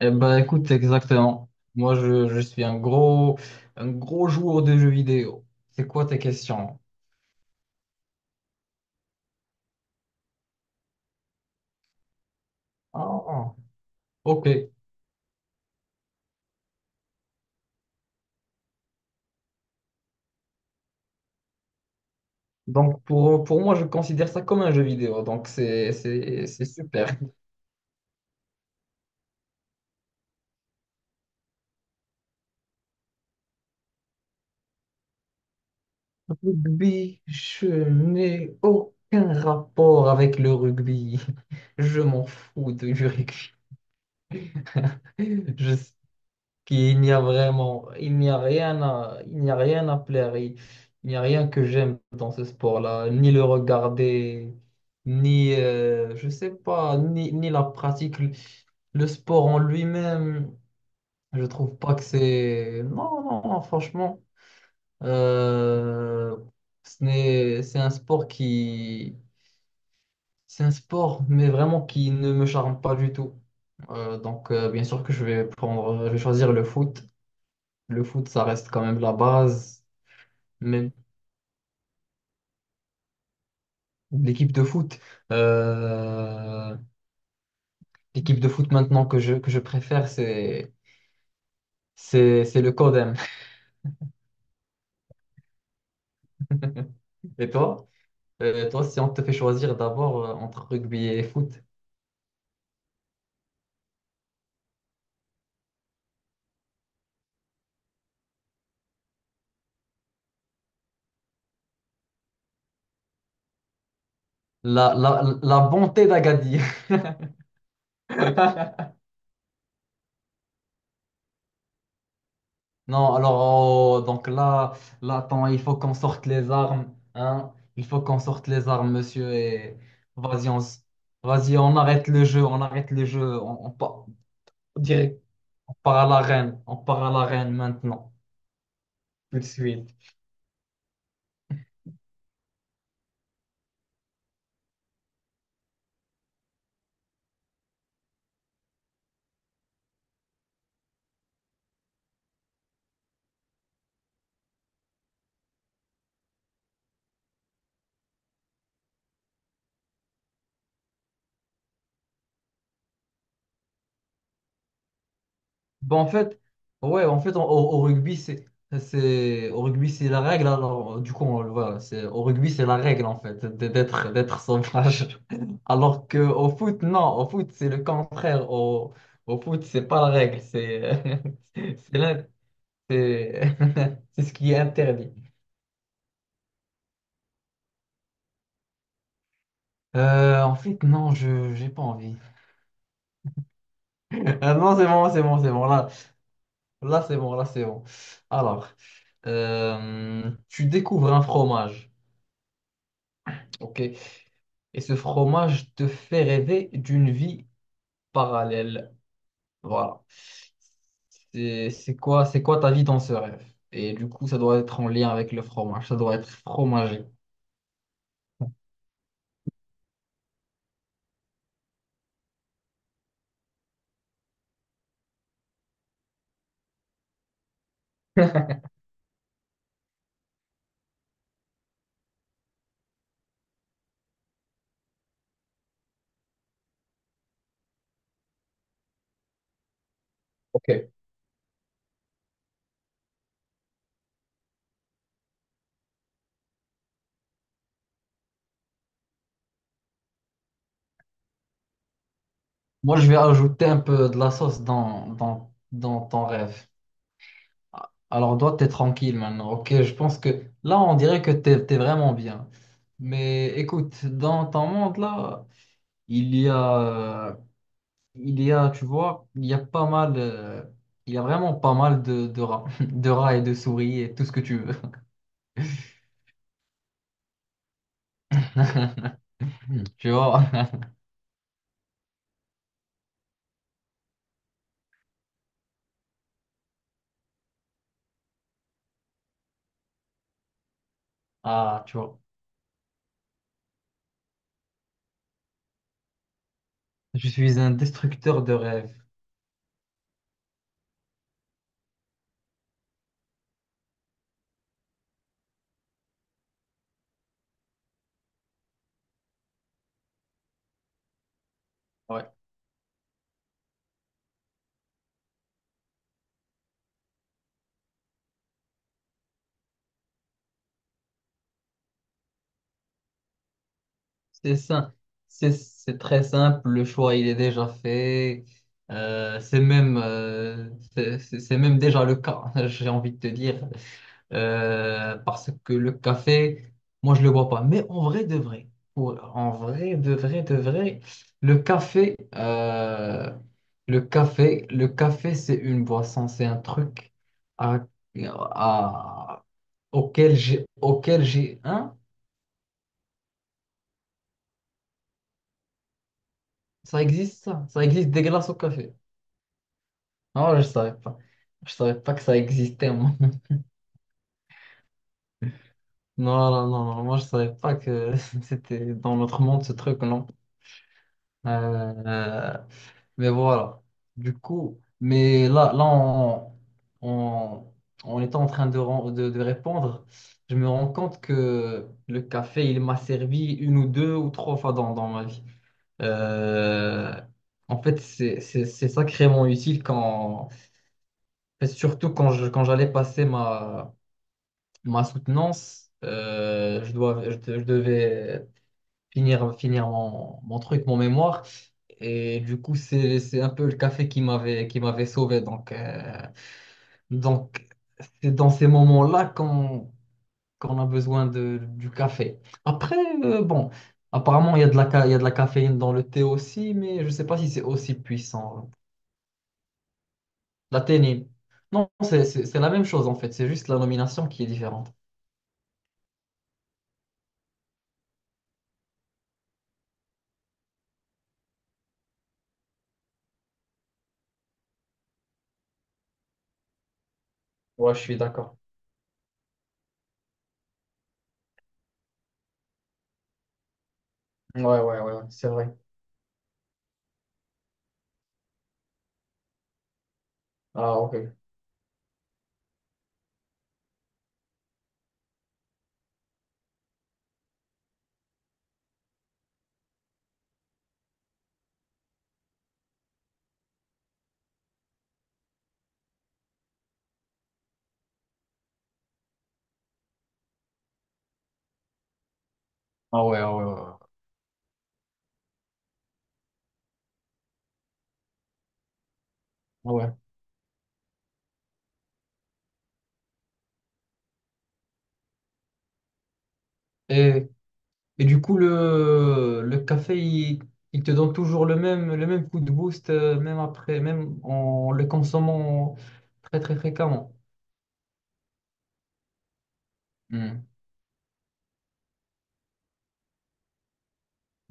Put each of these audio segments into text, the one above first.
Eh ben, écoute, exactement. Moi, je suis un gros joueur de jeux vidéo. C'est quoi tes questions? Ah, ok. Donc, pour moi, je considère ça comme un jeu vidéo. Donc, c'est super. Rugby, je n'ai aucun rapport avec le rugby. Je m'en du rugby. Je, Puis il n'y a vraiment, il n'y a rien à plaire. Il n'y a rien que j'aime dans ce sport-là, ni le regarder, ni, je sais pas, ni, ni la pratique. Le sport en lui-même, je trouve pas que c'est. Non, non, non, franchement, euh, ce n'est, c'est un c'est un sport, mais vraiment qui ne me charme pas du tout. Donc, bien sûr que je je vais choisir le foot. Le foot, ça reste quand même la base. Même l'équipe de foot, euh, l'équipe de foot maintenant que je préfère, c'est le Codem. Et toi? Toi, si on te fait choisir d'abord entre rugby et foot, la bonté d'Agadir. Non, alors, oh, donc là, attends, il faut qu'on sorte les armes. Hein? Il faut qu'on sorte les armes, monsieur. Et vas-y, on, s- vas-y, on arrête le jeu, on arrête le jeu. Direct part à la reine. On part à la reine maintenant, tout de suite. Bon, en fait, ouais, en fait, au rugby, au rugby, c'est la règle. Alors, du coup, voilà, c'est, au rugby, c'est la règle, en fait, d'être sauvage. Alors que au foot, non, au foot, c'est le contraire. Au foot, c'est pas la règle, c'est l'in- c'est, c'est ce qui est interdit. En fait, non, j'ai pas envie. Ah non, c'est bon, c'est bon, c'est bon. Là, c'est bon, là, c'est bon. Alors. Tu découvres un fromage, ok? Et ce fromage te fait rêver d'une vie parallèle. Voilà. C'est quoi ta vie dans ce rêve? Et du coup, ça doit être en lien avec le fromage. Ça doit être fromager. Ok. Moi, je vais ajouter un peu de la sauce dans ton rêve. Alors, toi, t'es tranquille maintenant, ok? Je pense que là, on dirait que t'es vraiment bien. Mais écoute, dans ton monde, là, il y a... il y a, tu vois, il y a vraiment pas mal de rats, de rats et de souris et tout ce que tu veux. Tu vois? Ah, tu vois. Je suis un destructeur de rêves. Ouais. C'est ça. C'est très simple. Le choix, il est déjà fait. Euh, c'est même, euh, c'est même déjà le cas. J'ai envie de te dire. Parce que le café, moi, je le bois pas. Mais en vrai de vrai, en vrai de vrai de vrai, le café, euh, le café, c'est une boisson, c'est un truc à, à- auquel auquel j'ai, hein? Ça existe, ça? Ça existe des glaces au café. Non, je savais pas. Je savais pas que ça existait, moi. Non, non, non, non, moi, je savais pas que c'était dans notre monde, ce truc, non. Euh, Mais voilà. Du coup, mais en, en étant en train de répondre, je me rends compte que le café, il m'a servi une ou deux ou trois fois dans ma vie. Euh, en fait, c'est sacrément utile quand, et surtout quand j'allais passer ma soutenance, euh, je devais finir mon truc, mon mémoire. Et du coup, c'est un peu le café qui qui m'avait sauvé. Donc, c'est dans ces moments-là qu'on a besoin de, du café. Après, bon, apparemment, il y a il y a de la caféine dans le thé aussi, mais je ne sais pas si c'est aussi puissant. La théine. Non, c'est la même chose en fait. C'est juste la nomination qui est différente. Ouais, je suis d'accord. Ouais, ouais, ouais, ouais, c'est vrai. Ah, ok. Ah ouais, ah ouais, ouais, ouais. Ah ouais. Et Et du coup, le café, il te donne toujours le même coup de boost, même après, même en le consommant très très fréquemment. Hmm.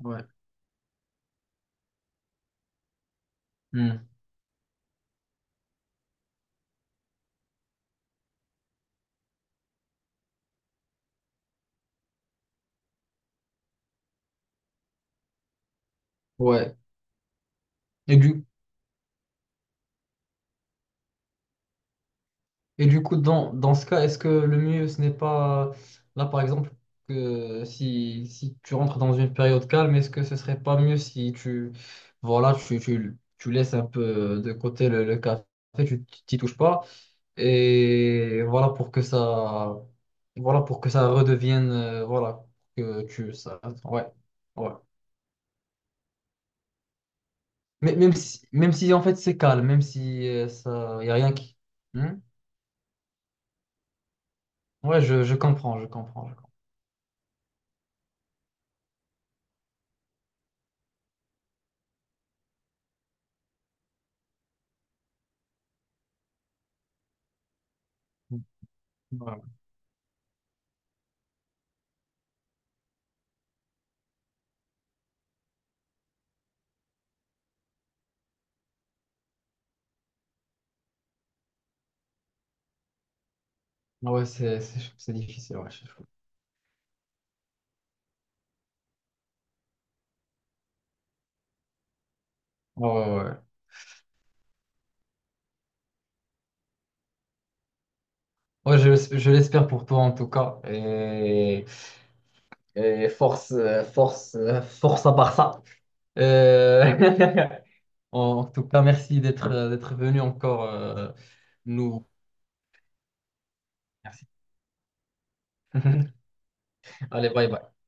Ouais. Hmm. Ouais. Et du, et du coup, dans ce cas, est-ce que le mieux, ce n'est pas, là par exemple, que si tu rentres dans une période calme, est-ce que ce serait pas mieux si tu, voilà, tu laisses un peu de côté le café, tu t'y touches pas? Et voilà pour que ça, voilà pour que ça redevienne, voilà, que tu, ça, ouais, ouais. Mais même si en fait c'est calme, même si ça, y a rien qui, hmm. Ouais, je comprends, je comprends, je comprends. Ouais. Ouais, c'est difficile, ouais. Je- ouais, ouais, ouais. Ouais, je l'espère pour toi en tout cas. Et force, force à Barça. Euh, En tout cas, merci d'être venu encore, nous. Merci. Allez, bye bye.